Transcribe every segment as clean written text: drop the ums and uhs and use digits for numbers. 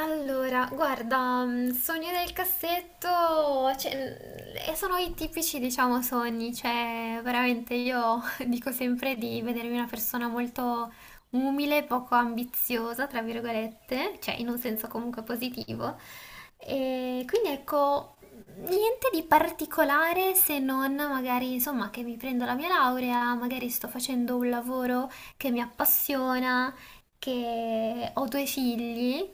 Allora, guarda, sogni del cassetto, cioè, e sono i tipici, diciamo, sogni, cioè, veramente io dico sempre di vedermi una persona molto umile, poco ambiziosa, tra virgolette, cioè in un senso comunque positivo. E quindi ecco, niente di particolare se non magari, insomma, che mi prendo la mia laurea, magari sto facendo un lavoro che mi appassiona, che ho due figli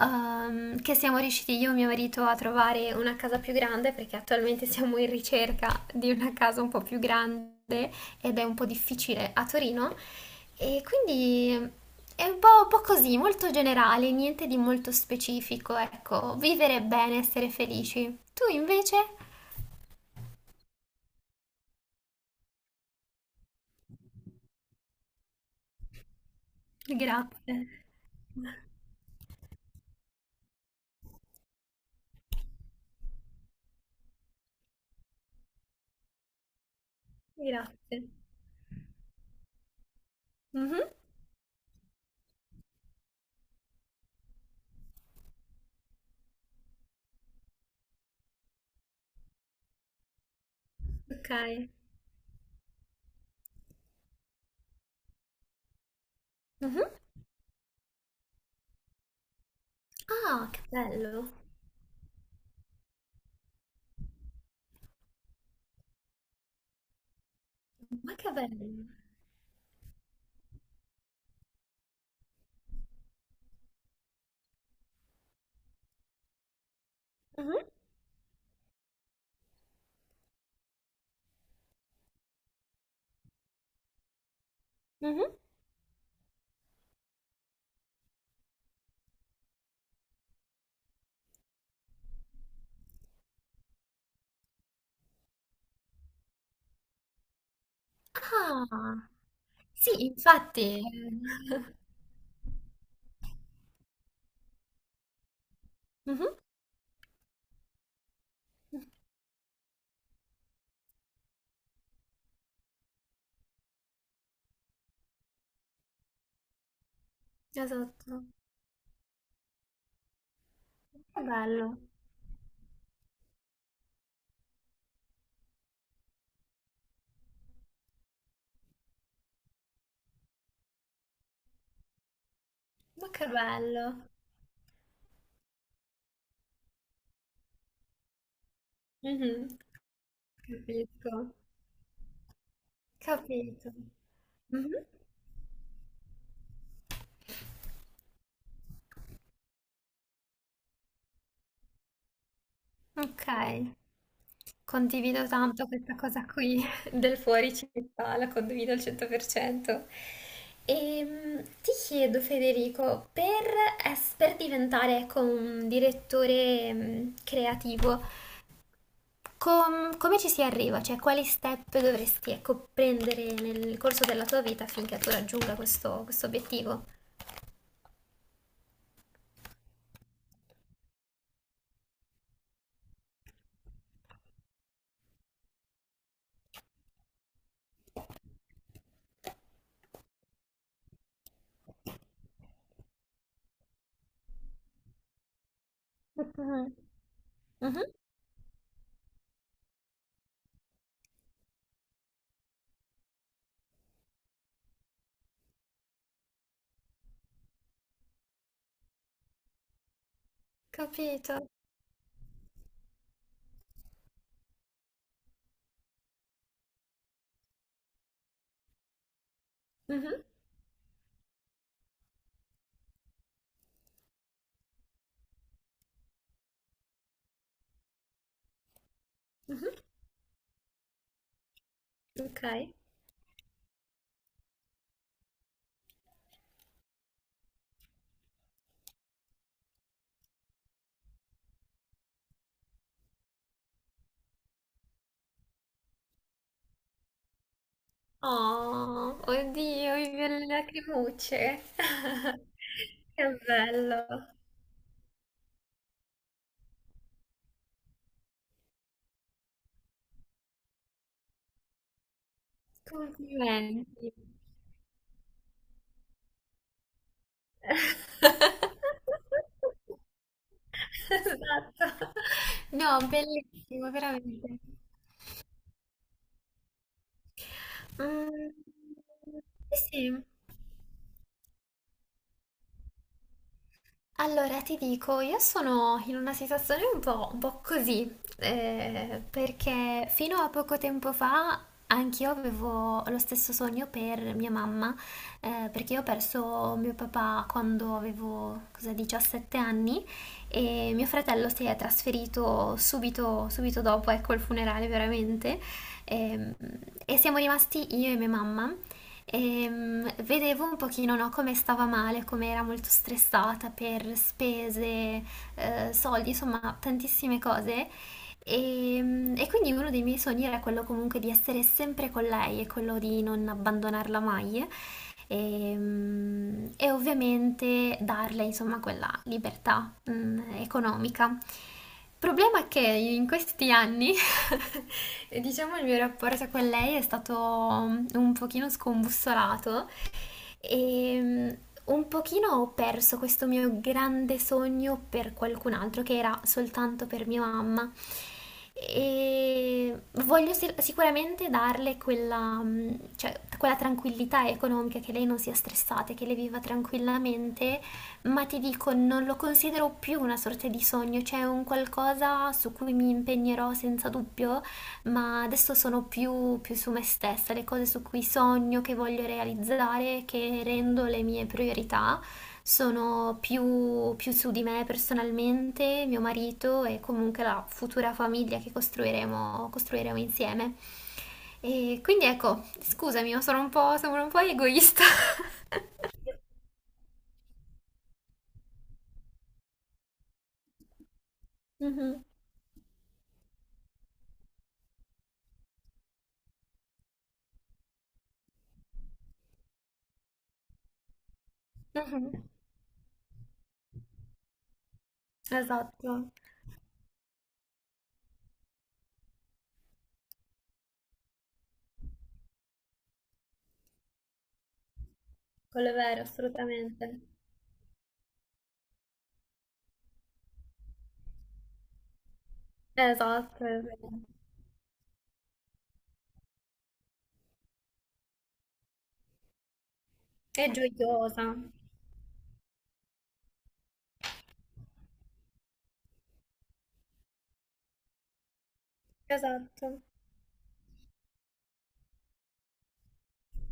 che siamo riusciti io e mio marito a trovare una casa più grande perché attualmente siamo in ricerca di una casa un po' più grande ed è un po' difficile a Torino e quindi è un po' così, molto generale, niente di molto specifico, ecco, vivere bene, essere felici. Tu invece? Grazie, grazie. Mhm, ok. Mhm. Ah, che bello, ma che bello. Mhm, mhm. Ah, sì, infatti. Mhm, esatto. Che bello. Ma che bello. Mhm, capisco. Capito. Mhm, ok. Condivido tanto questa cosa qui del fuori città, la condivido al 100%. E ti chiedo, Federico, per, per diventare ecco, un direttore creativo, Come ci si arriva? Cioè, quali step dovresti ecco, prendere nel corso della tua vita affinché tu raggiunga questo obiettivo? Mhm, mhm, capito. Mhm, mhm, ok. Oh, oddio, mi viene le lacrimucce. Che bello. Complimenti. Esatto. No, bellissimo, veramente. Mm, sì, sì. Allora, ti dico, io sono in una situazione un po' così, perché fino a poco tempo fa anch'io avevo lo stesso sogno per mia mamma, perché io ho perso mio papà quando avevo, cosa, 17 anni e mio fratello si è trasferito subito, subito dopo, ecco, il funerale veramente, ehm, e siamo rimasti io e mia mamma. Vedevo un pochino, no, come stava male, come era molto stressata per spese, soldi, insomma, tantissime cose. E quindi uno dei miei sogni era quello comunque di essere sempre con lei e quello di non abbandonarla mai. E ovviamente darle insomma quella libertà economica. Il problema è che in questi anni, diciamo, il mio rapporto con lei è stato un pochino scombussolato e un pochino ho perso questo mio grande sogno per qualcun altro, che era soltanto per mia mamma. E voglio sicuramente darle quella, cioè, quella tranquillità economica, che lei non sia stressata, che lei viva tranquillamente, ma ti dico, non lo considero più una sorta di sogno, cioè è un qualcosa su cui mi impegnerò senza dubbio ma adesso sono più, più su me stessa, le cose su cui sogno, che voglio realizzare, che rendo le mie priorità, sono più, più su di me personalmente, mio marito e comunque la futura famiglia che costruiremo insieme. E quindi ecco, scusami, ma sono un po' egoista. Mhm, mhm. Esatto, quello è vero, assolutamente. Esatto, è vero. È gioiosa. Esatto.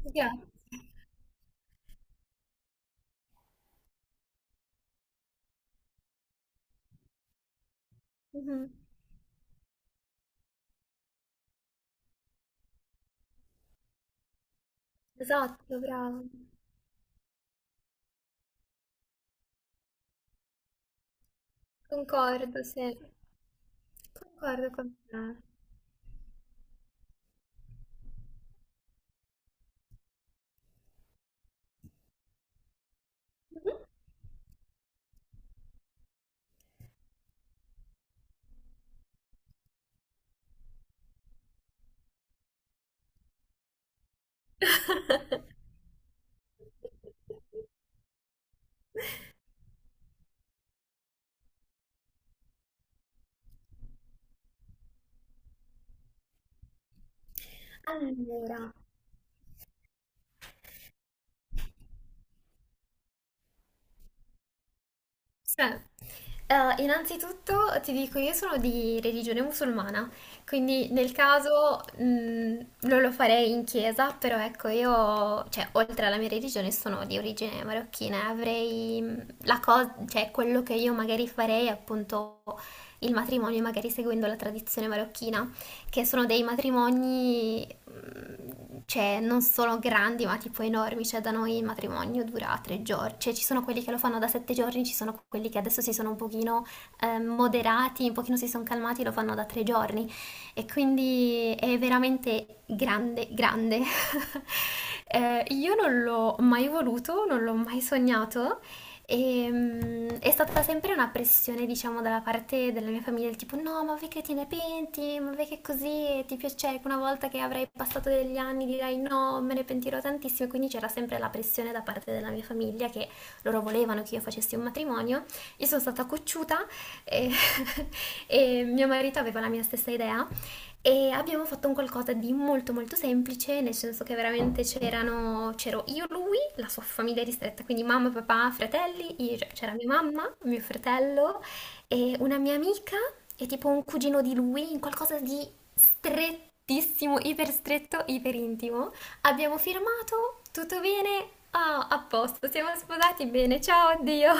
Grazie. Mh-mh. Esatto, brava. Concordo, sì. Concordo con te. Mh-mh. Allora, sì. Innanzitutto ti dico, io sono di religione musulmana, quindi nel caso non lo farei in chiesa, però ecco, io, cioè, oltre alla mia religione sono di origine marocchina, e avrei la cosa, cioè, quello che io magari farei è appunto il matrimonio, magari seguendo la tradizione marocchina, che sono dei matrimoni cioè non sono grandi ma tipo enormi, cioè da noi il matrimonio dura 3 giorni, cioè ci sono quelli che lo fanno da 7 giorni, ci sono quelli che adesso si sono un pochino moderati, un pochino si sono calmati, lo fanno da 3 giorni e quindi è veramente grande, grande. Io non l'ho mai voluto, non l'ho mai sognato, e, è stata sempre una pressione, diciamo, dalla parte della mia famiglia, del tipo, no, ma vedi che te ne penti, ma vedi che così, e ti piace, cioè, una volta che avrai passato degli anni dirai no, me ne pentirò tantissimo, quindi c'era sempre la pressione da parte della mia famiglia che loro volevano che io facessi un matrimonio, io sono stata cocciuta e, e mio marito aveva la mia stessa idea e abbiamo fatto un qualcosa di molto molto semplice, nel senso che veramente c'erano, c'ero io, lui, la sua famiglia ristretta, quindi mamma, papà, fratelli, cioè, c'era mia mamma, mio fratello e una mia amica e tipo un cugino di lui, in qualcosa di strettissimo, iper stretto, iper intimo. Abbiamo firmato, tutto bene, ah, a posto, siamo sposati bene, ciao, addio.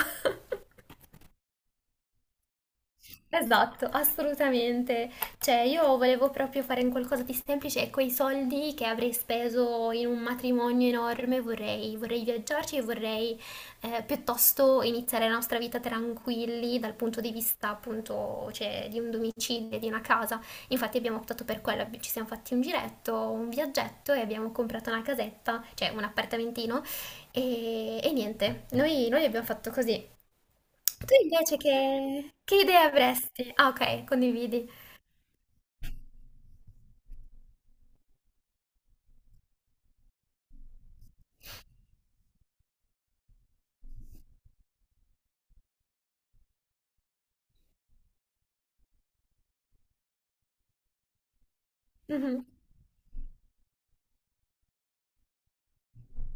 Esatto, assolutamente. Cioè, io volevo proprio fare un qualcosa di semplice e quei soldi che avrei speso in un matrimonio enorme vorrei viaggiarci e vorrei piuttosto iniziare la nostra vita tranquilli dal punto di vista appunto, cioè, di un domicilio, di una casa. Infatti abbiamo optato per quello, ci siamo fatti un giretto, un viaggetto e abbiamo comprato una casetta, cioè un appartamentino e niente, noi abbiamo fatto così. Tu invece che idee avresti? Ah, ok, condividi. Mhm.